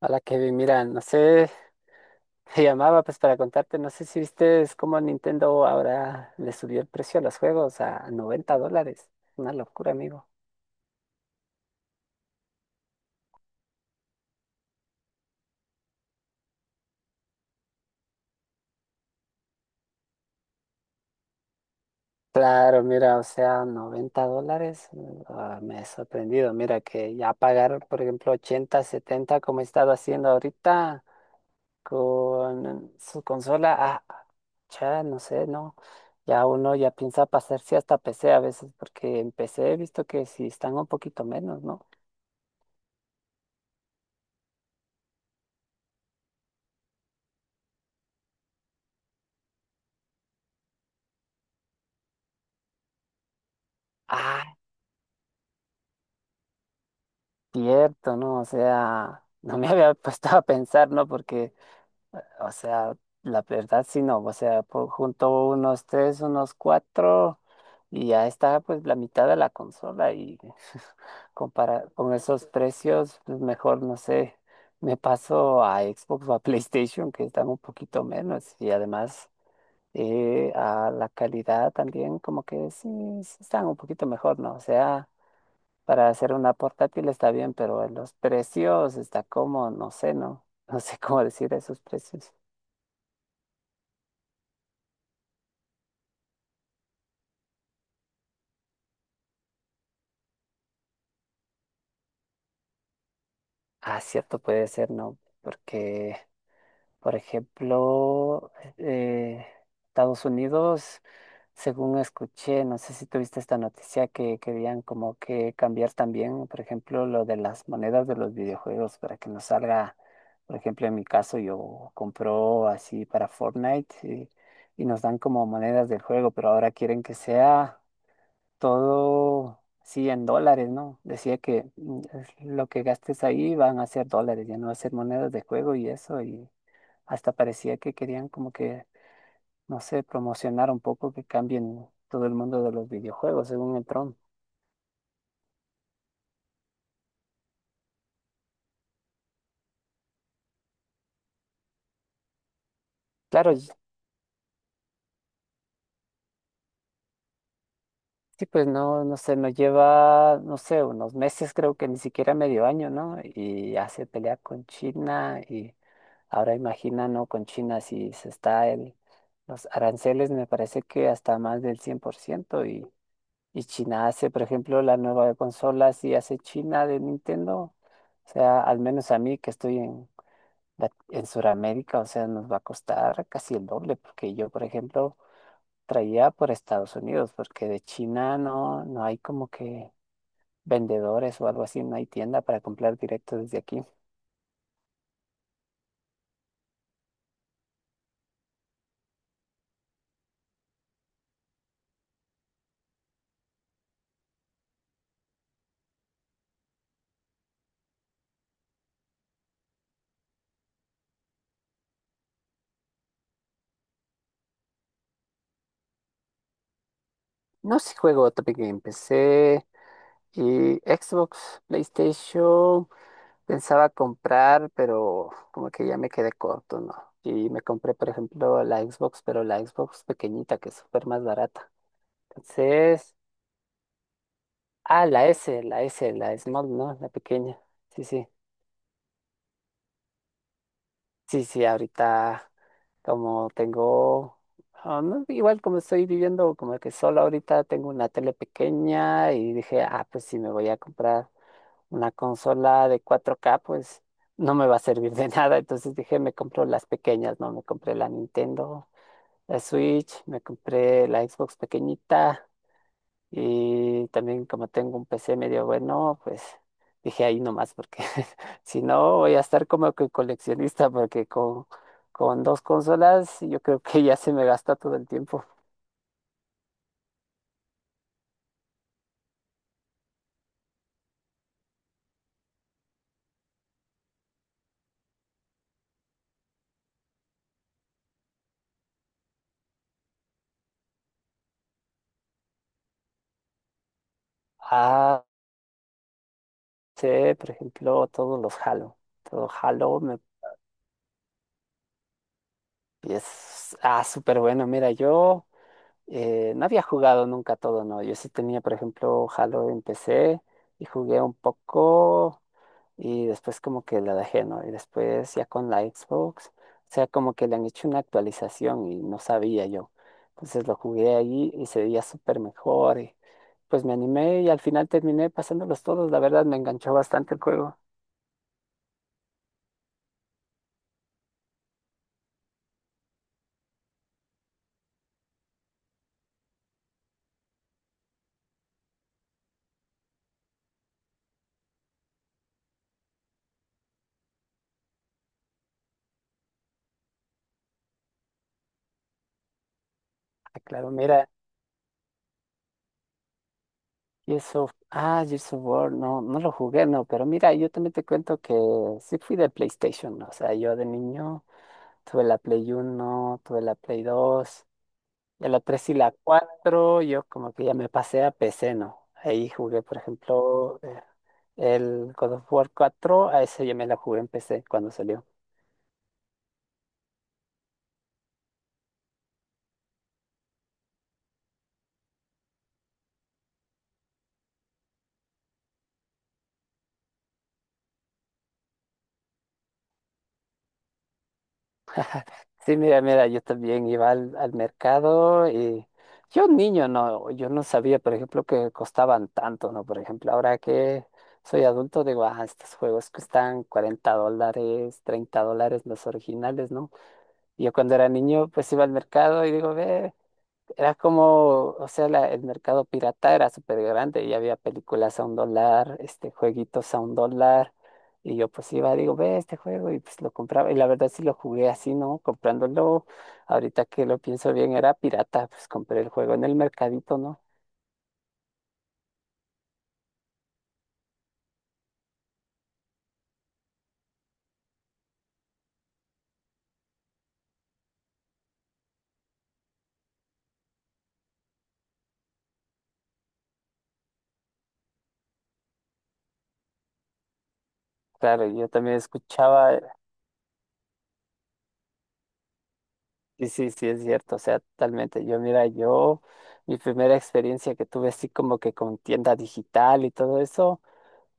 Hola Kevin, mira, no sé, te llamaba, pues, para contarte, no sé si viste cómo Nintendo ahora le subió el precio a los juegos a $90. Una locura, amigo. Claro, mira, o sea, $90, me he sorprendido. Mira que ya pagar, por ejemplo, 80, 70, como he estado haciendo ahorita con su consola, ya, no sé, no. Ya uno ya piensa pasarse hasta PC a veces, porque en PC he visto que si están un poquito menos, ¿no? Cierto, ¿no? O sea, no me había puesto a pensar, ¿no? Porque, o sea, la verdad sí, no. O sea, junto unos tres, unos cuatro, y ya está, pues, la mitad de la consola. Y comparar con esos precios, pues mejor, no sé, me paso a Xbox o a PlayStation, que están un poquito menos. Y además, a la calidad también, como que sí, sí están un poquito mejor, ¿no? O sea. Para hacer una portátil está bien, pero en los precios está como, no sé, no, no sé cómo decir esos precios. Ah, cierto, puede ser, no, porque... Por ejemplo, eh, Estados Unidos, según escuché, no sé si tuviste esta noticia, que querían como que cambiar también, por ejemplo, lo de las monedas de los videojuegos, para que no salga, por ejemplo, en mi caso yo compro así para Fortnite, y nos dan como monedas del juego, pero ahora quieren que sea todo, sí, en dólares, ¿no? Decía que es lo que gastes ahí van a ser dólares, ya no va a ser monedas de juego y eso, y hasta parecía que querían como que, no sé, promocionar un poco que cambien todo el mundo de los videojuegos, según el Tron. Claro, sí, pues no, no sé, no lleva, no sé, unos meses, creo que ni siquiera medio año, ¿no? Y ya se pelea con China, y ahora imagina, ¿no? Con China si se está el, los aranceles, me parece que hasta más del 100%, y China hace, por ejemplo, la nueva consola, si hace China de Nintendo. O sea, al menos a mí, que estoy en, en Sudamérica, o sea, nos va a costar casi el doble, porque yo, por ejemplo, traía por Estados Unidos, porque de China no, no hay como que vendedores o algo así, no hay tienda para comprar directo desde aquí. No sé, si juego Topic Game, PC y Xbox, PlayStation, pensaba comprar, pero como que ya me quedé corto, ¿no? Y me compré, por ejemplo, la Xbox, pero la Xbox pequeñita, que es súper más barata. Entonces... Ah, la S, la S, la small, ¿no? La pequeña. Sí, sí. Sí, sí, ahorita como tengo, ah, no, igual como estoy viviendo como que solo ahorita, tengo una tele pequeña y dije, ah, pues si me voy a comprar una consola de 4K, pues no me va a servir de nada. Entonces dije, me compro las pequeñas, ¿no? Me compré la Nintendo, la Switch, me compré la Xbox pequeñita. Y también como tengo un PC medio bueno, pues dije ahí nomás, porque si no voy a estar como que coleccionista, porque con dos consolas yo creo que ya se me gasta todo el tiempo. Ah, sí, por ejemplo, todos los Halo. Todo Halo me es súper bueno. Mira, yo no había jugado nunca todo, no. Yo sí tenía, por ejemplo, Halo en PC y jugué un poco. Y después como que la dejé, ¿no? Y después ya con la Xbox, o sea, como que le han hecho una actualización y no sabía yo. Entonces lo jugué ahí y se veía súper mejor, y pues me animé, y al final terminé pasándolos todos, la verdad me enganchó bastante el juego. Ah, claro, mira, Gears of War, no, no lo jugué, no, pero mira, yo también te cuento que sí fui de PlayStation, ¿no? O sea, yo de niño tuve la Play 1, tuve la Play 2. Ya la 3 y la 4, yo como que ya me pasé a PC, ¿no? Ahí jugué, por ejemplo, el God of War 4, a ese ya me la jugué en PC cuando salió. Sí, mira, mira, yo también iba al mercado, y yo, niño, no, yo no sabía, por ejemplo, que costaban tanto, ¿no? Por ejemplo, ahora que soy adulto, digo, ah, estos juegos cuestan $40, $30 los originales, ¿no? Y yo cuando era niño, pues iba al mercado y digo, ve. Era como, o sea, el mercado pirata era súper grande, y había películas a $1, este, jueguitos a $1. Y yo pues iba, digo, ve este juego y pues lo compraba. Y la verdad sí lo jugué así, ¿no? Comprándolo. Ahorita que lo pienso bien, era pirata, pues compré el juego en el mercadito, ¿no? Claro, y yo también escuchaba, sí sí, sí, es cierto, o sea, totalmente. Yo, mira, yo, mi primera experiencia que tuve así como que con tienda digital y todo eso.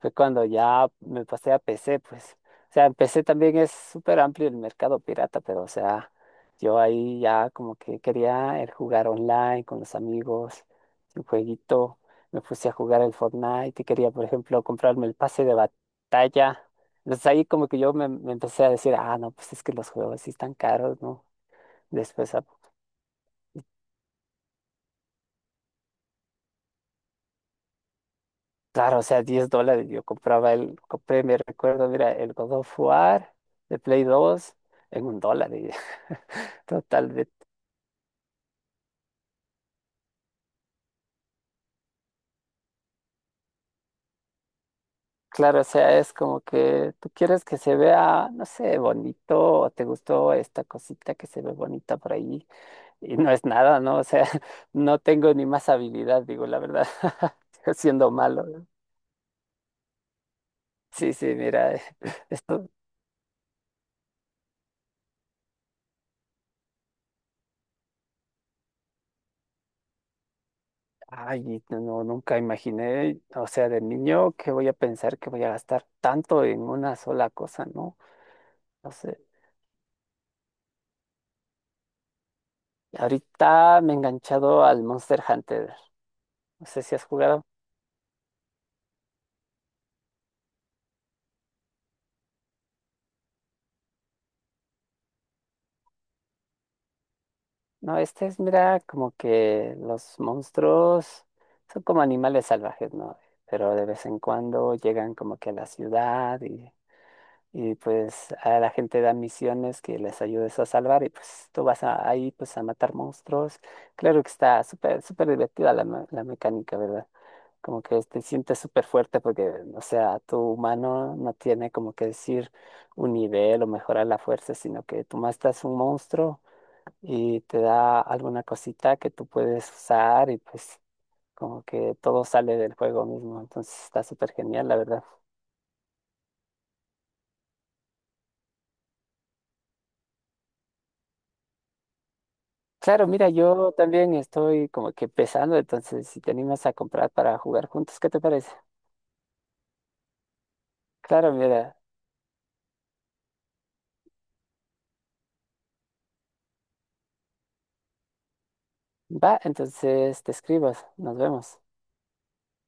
Fue cuando ya me pasé a PC, pues. O sea, en PC también es súper amplio el mercado pirata, pero, o sea, yo ahí ya como que quería el jugar online con los amigos, un jueguito. Me puse a jugar el Fortnite y quería, por ejemplo, comprarme el pase de batalla. Entonces ahí como que yo me empecé a decir, ah, no, pues es que los juegos sí están caros, ¿no? Después... Claro, o sea, $10. Yo compré, me recuerdo, mira, el God of War de Play 2 en $1. Y total, claro, o sea, es como que tú quieres que se vea, no sé, bonito, o te gustó esta cosita que se ve bonita por ahí, y no es nada, ¿no? O sea, no tengo ni más habilidad, digo, la verdad, siendo malo, ¿no? Sí, sí, mira, esto. Ay, no, no, nunca imaginé, o sea, de niño, que voy a pensar que voy a gastar tanto en una sola cosa, ¿no? No sé. Ahorita me he enganchado al Monster Hunter. No sé si has jugado. No, este es, mira, como que los monstruos son como animales salvajes, ¿no? Pero de vez en cuando llegan como que a la ciudad y pues a la gente da misiones que les ayudes a salvar, y pues tú ahí pues a matar monstruos. Claro que está súper, súper divertida la mecánica, ¿verdad? Como que te sientes súper fuerte porque, o sea, tu humano no tiene como que decir un nivel o mejorar la fuerza, sino que tú matas un monstruo y te da alguna cosita que tú puedes usar, y pues como que todo sale del juego mismo. Entonces está súper genial, la verdad. Claro, mira, yo también estoy como que pesando, entonces si te animas a comprar para jugar juntos, ¿qué te parece? Claro, mira, va, entonces te escribas, nos vemos.